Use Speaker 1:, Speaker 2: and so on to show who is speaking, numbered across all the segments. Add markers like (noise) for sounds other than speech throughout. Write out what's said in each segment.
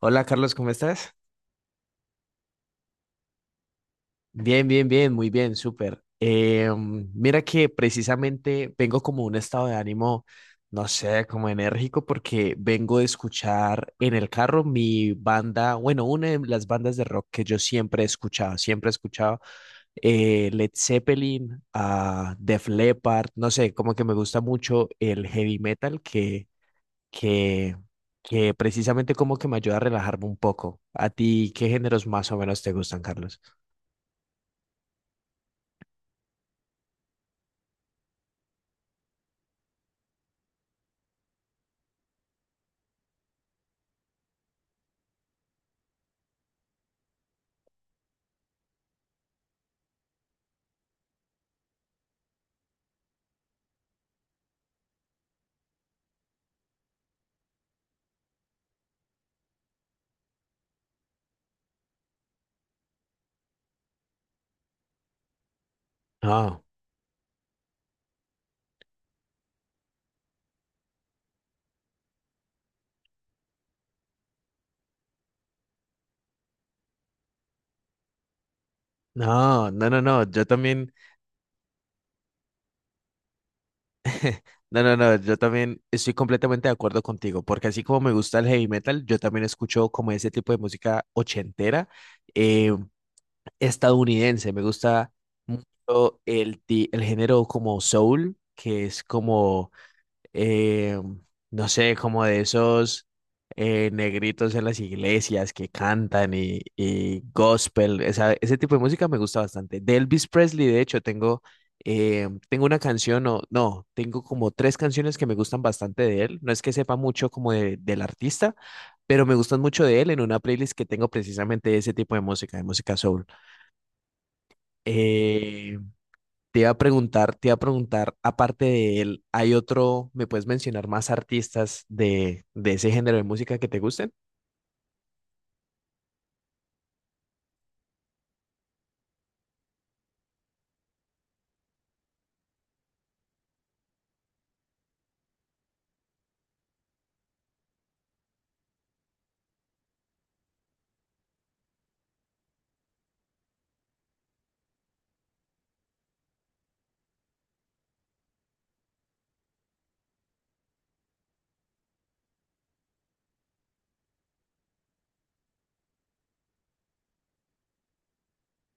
Speaker 1: Hola Carlos, ¿cómo estás? Bien, bien, bien, muy bien, súper. Mira que precisamente vengo como un estado de ánimo, no sé, como enérgico, porque vengo de escuchar en el carro mi banda, bueno, una de las bandas de rock que yo siempre he escuchado Led Zeppelin, a Def Leppard, no sé, como que me gusta mucho el heavy metal que, que precisamente como que me ayuda a relajarme un poco. ¿A ti qué géneros más o menos te gustan, Carlos? No, no, no, no, no, yo también, no, no, no, yo también estoy completamente de acuerdo contigo, porque así como me gusta el heavy metal, yo también escucho como ese tipo de música ochentera, eh, estadounidense, me gusta mucho el género como soul, que es como eh, no sé, como de esos negritos en las iglesias que cantan y gospel, ese tipo de música me gusta bastante. De Elvis Presley, de hecho, tengo una canción, o no, tengo como tres canciones que me gustan bastante de él. No es que sepa mucho como del artista, pero me gustan mucho de él en una playlist que tengo precisamente de ese tipo de música soul. Eh, te iba a preguntar, te iba a preguntar, aparte de él, ¿hay otro, me puedes mencionar más artistas de ese género de música que te gusten?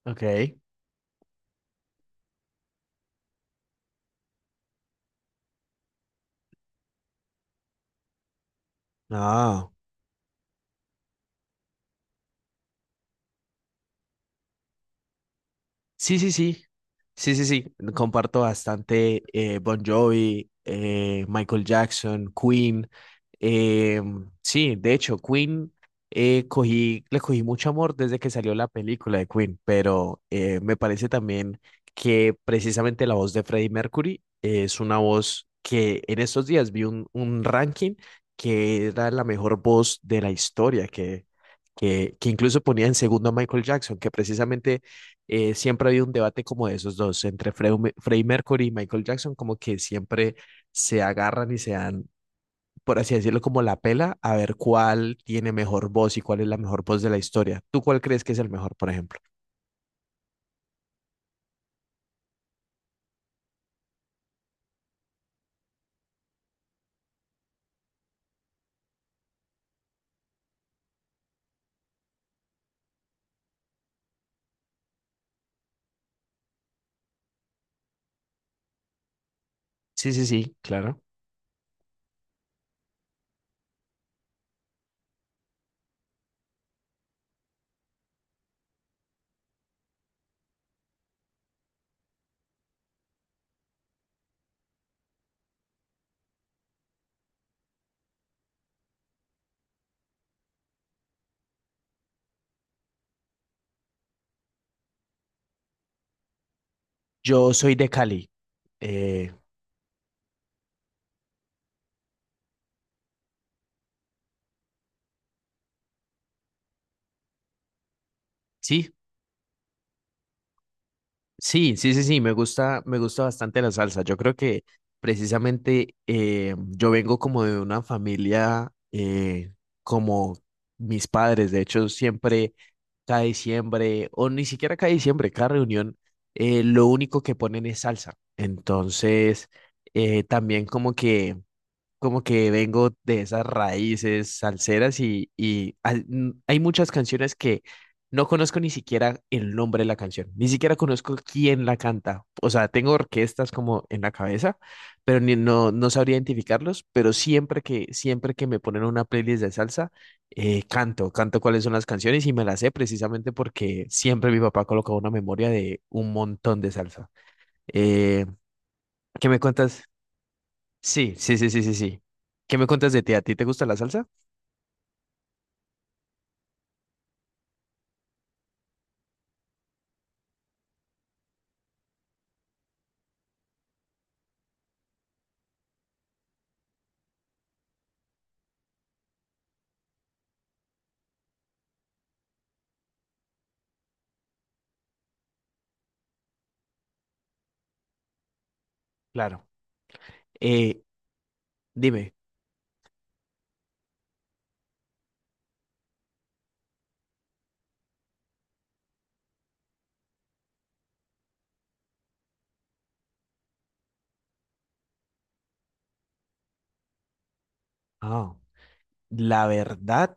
Speaker 1: Ok. Ah. Sí, sí, sí. Sí, sí, sí. Comparto bastante Bon Jovi, Michael Jackson, Queen. eh, sí, de hecho, Queen, le cogí mucho amor desde que salió la película de Queen, pero me parece también que precisamente la voz de Freddie Mercury es una voz que en estos días vi un ranking que era la mejor voz de la historia, que incluso ponía en segundo a Michael Jackson, que precisamente siempre ha habido un debate como de esos dos, entre Freddie Mercury y Michael Jackson, como que siempre se agarran y se dan, por así decirlo, como la pela a ver cuál tiene mejor voz y cuál es la mejor voz de la historia. ¿Tú cuál crees que es el mejor, por ejemplo? Sí, sí, sí, claro. Yo soy de Cali. Eh, sí, sí, sí, sí, sí, me gusta bastante la salsa. Yo creo que precisamente yo vengo como de una familia, como mis padres, de hecho, siempre cada diciembre, o ni siquiera cada diciembre, cada reunión, lo único que ponen es salsa. Entonces, también como que vengo de esas raíces salseras y, hay muchas canciones que no conozco ni siquiera el nombre de la canción, ni siquiera conozco quién la canta. O sea, tengo orquestas como en la cabeza, pero no, no sabría identificarlos, pero siempre que me ponen una playlist de salsa, canto, canto cuáles son las canciones y me las sé precisamente porque siempre mi papá colocaba una memoria de un montón de salsa. Eh, ¿Qué me cuentas? Sí, sí, sí, sí, sí, sí. ¿Qué me cuentas de ti? ¿A ti te gusta la salsa? Claro. Eh, Dime. Ah, la verdad,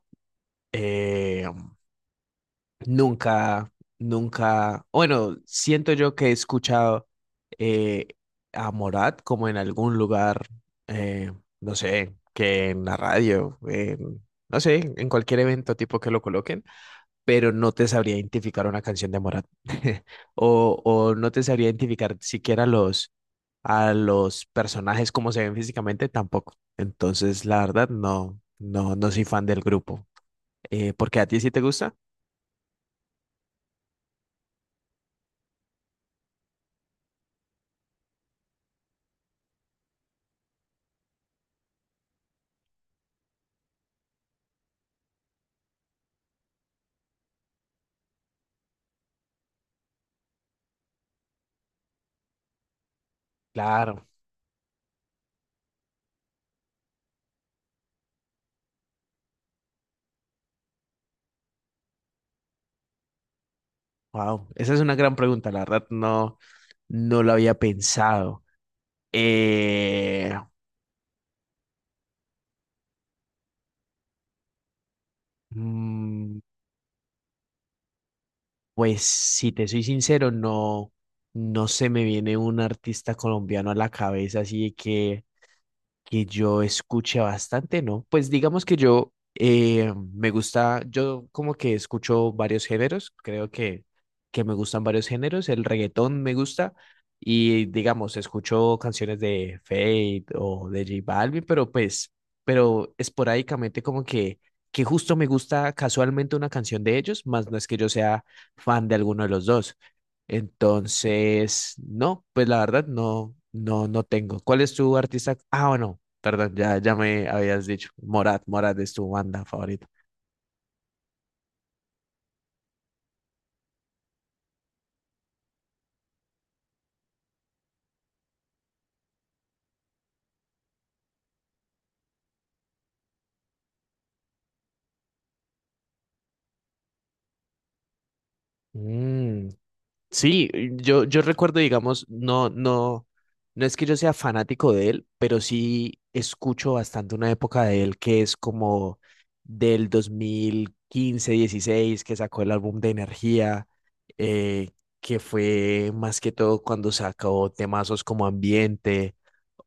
Speaker 1: eh, nunca, nunca, bueno, siento yo que he escuchado eh, a Morat como en algún lugar, eh, no sé, que en la radio, en- no sé, en cualquier evento tipo que lo coloquen, pero no te sabría identificar una canción de Morat (laughs) o no te sabría identificar siquiera los... a los personajes como se ven físicamente tampoco. Entonces, la verdad, no, no, no soy fan del grupo. ¿Por qué a ti sí te gusta? Claro. Wow, esa es una gran pregunta, la verdad, no, no lo había pensado. Eh, mm, pues si te soy sincero, no, no se me viene un artista colombiano a la cabeza así que yo escuche bastante, ¿no? Pues digamos que yo me gusta, yo como que escucho varios géneros, creo que me gustan varios géneros, el reggaetón me gusta y digamos, escucho canciones de Fate o de J Balvin, pero pues, pero esporádicamente como que justo me gusta casualmente una canción de ellos, más no es que yo sea fan de alguno de los dos. Entonces, no, pues la verdad no, no, no tengo. ¿Cuál es tu artista? Ah, bueno, perdón, ya, ya me habías dicho. Morat, Morat es tu banda favorita. Mm, Sí, yo recuerdo, digamos, no, no, no es que yo sea fanático de él, pero sí escucho bastante una época de él que es como del 2015, 16 que sacó el álbum de Energía, eh, que fue más que todo cuando sacó temazos como Ambiente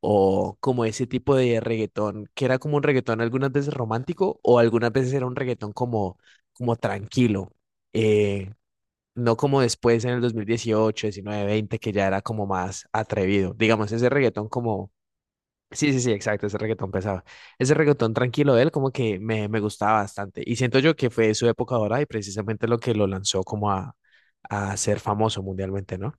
Speaker 1: o como ese tipo de reggaetón, que era como un reggaetón algunas veces romántico o algunas veces era un reggaetón como, como tranquilo. Eh, no como después en el 2018, 19, 20, que ya era como más atrevido. Digamos, ese reggaetón como... Sí, sí, sí, exacto, ese reggaetón pesado. Ese reggaetón tranquilo de él como que me gustaba bastante. Y siento yo que fue su época ahora y precisamente lo que lo lanzó como a ser famoso mundialmente, ¿no?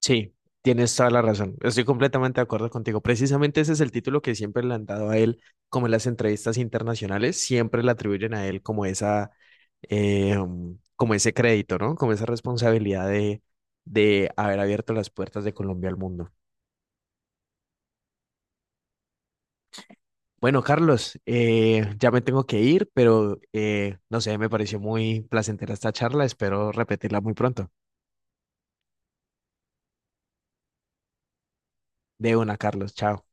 Speaker 1: Sí, tienes toda la razón. Estoy completamente de acuerdo contigo. Precisamente ese es el título que siempre le han dado a él, como en las entrevistas internacionales, siempre le atribuyen a él como esa, como ese crédito, ¿no? Como esa responsabilidad de haber abierto las puertas de Colombia al mundo. Bueno, Carlos, ya me tengo que ir, pero no sé, me pareció muy placentera esta charla. Espero repetirla muy pronto. De una, Carlos. Chao.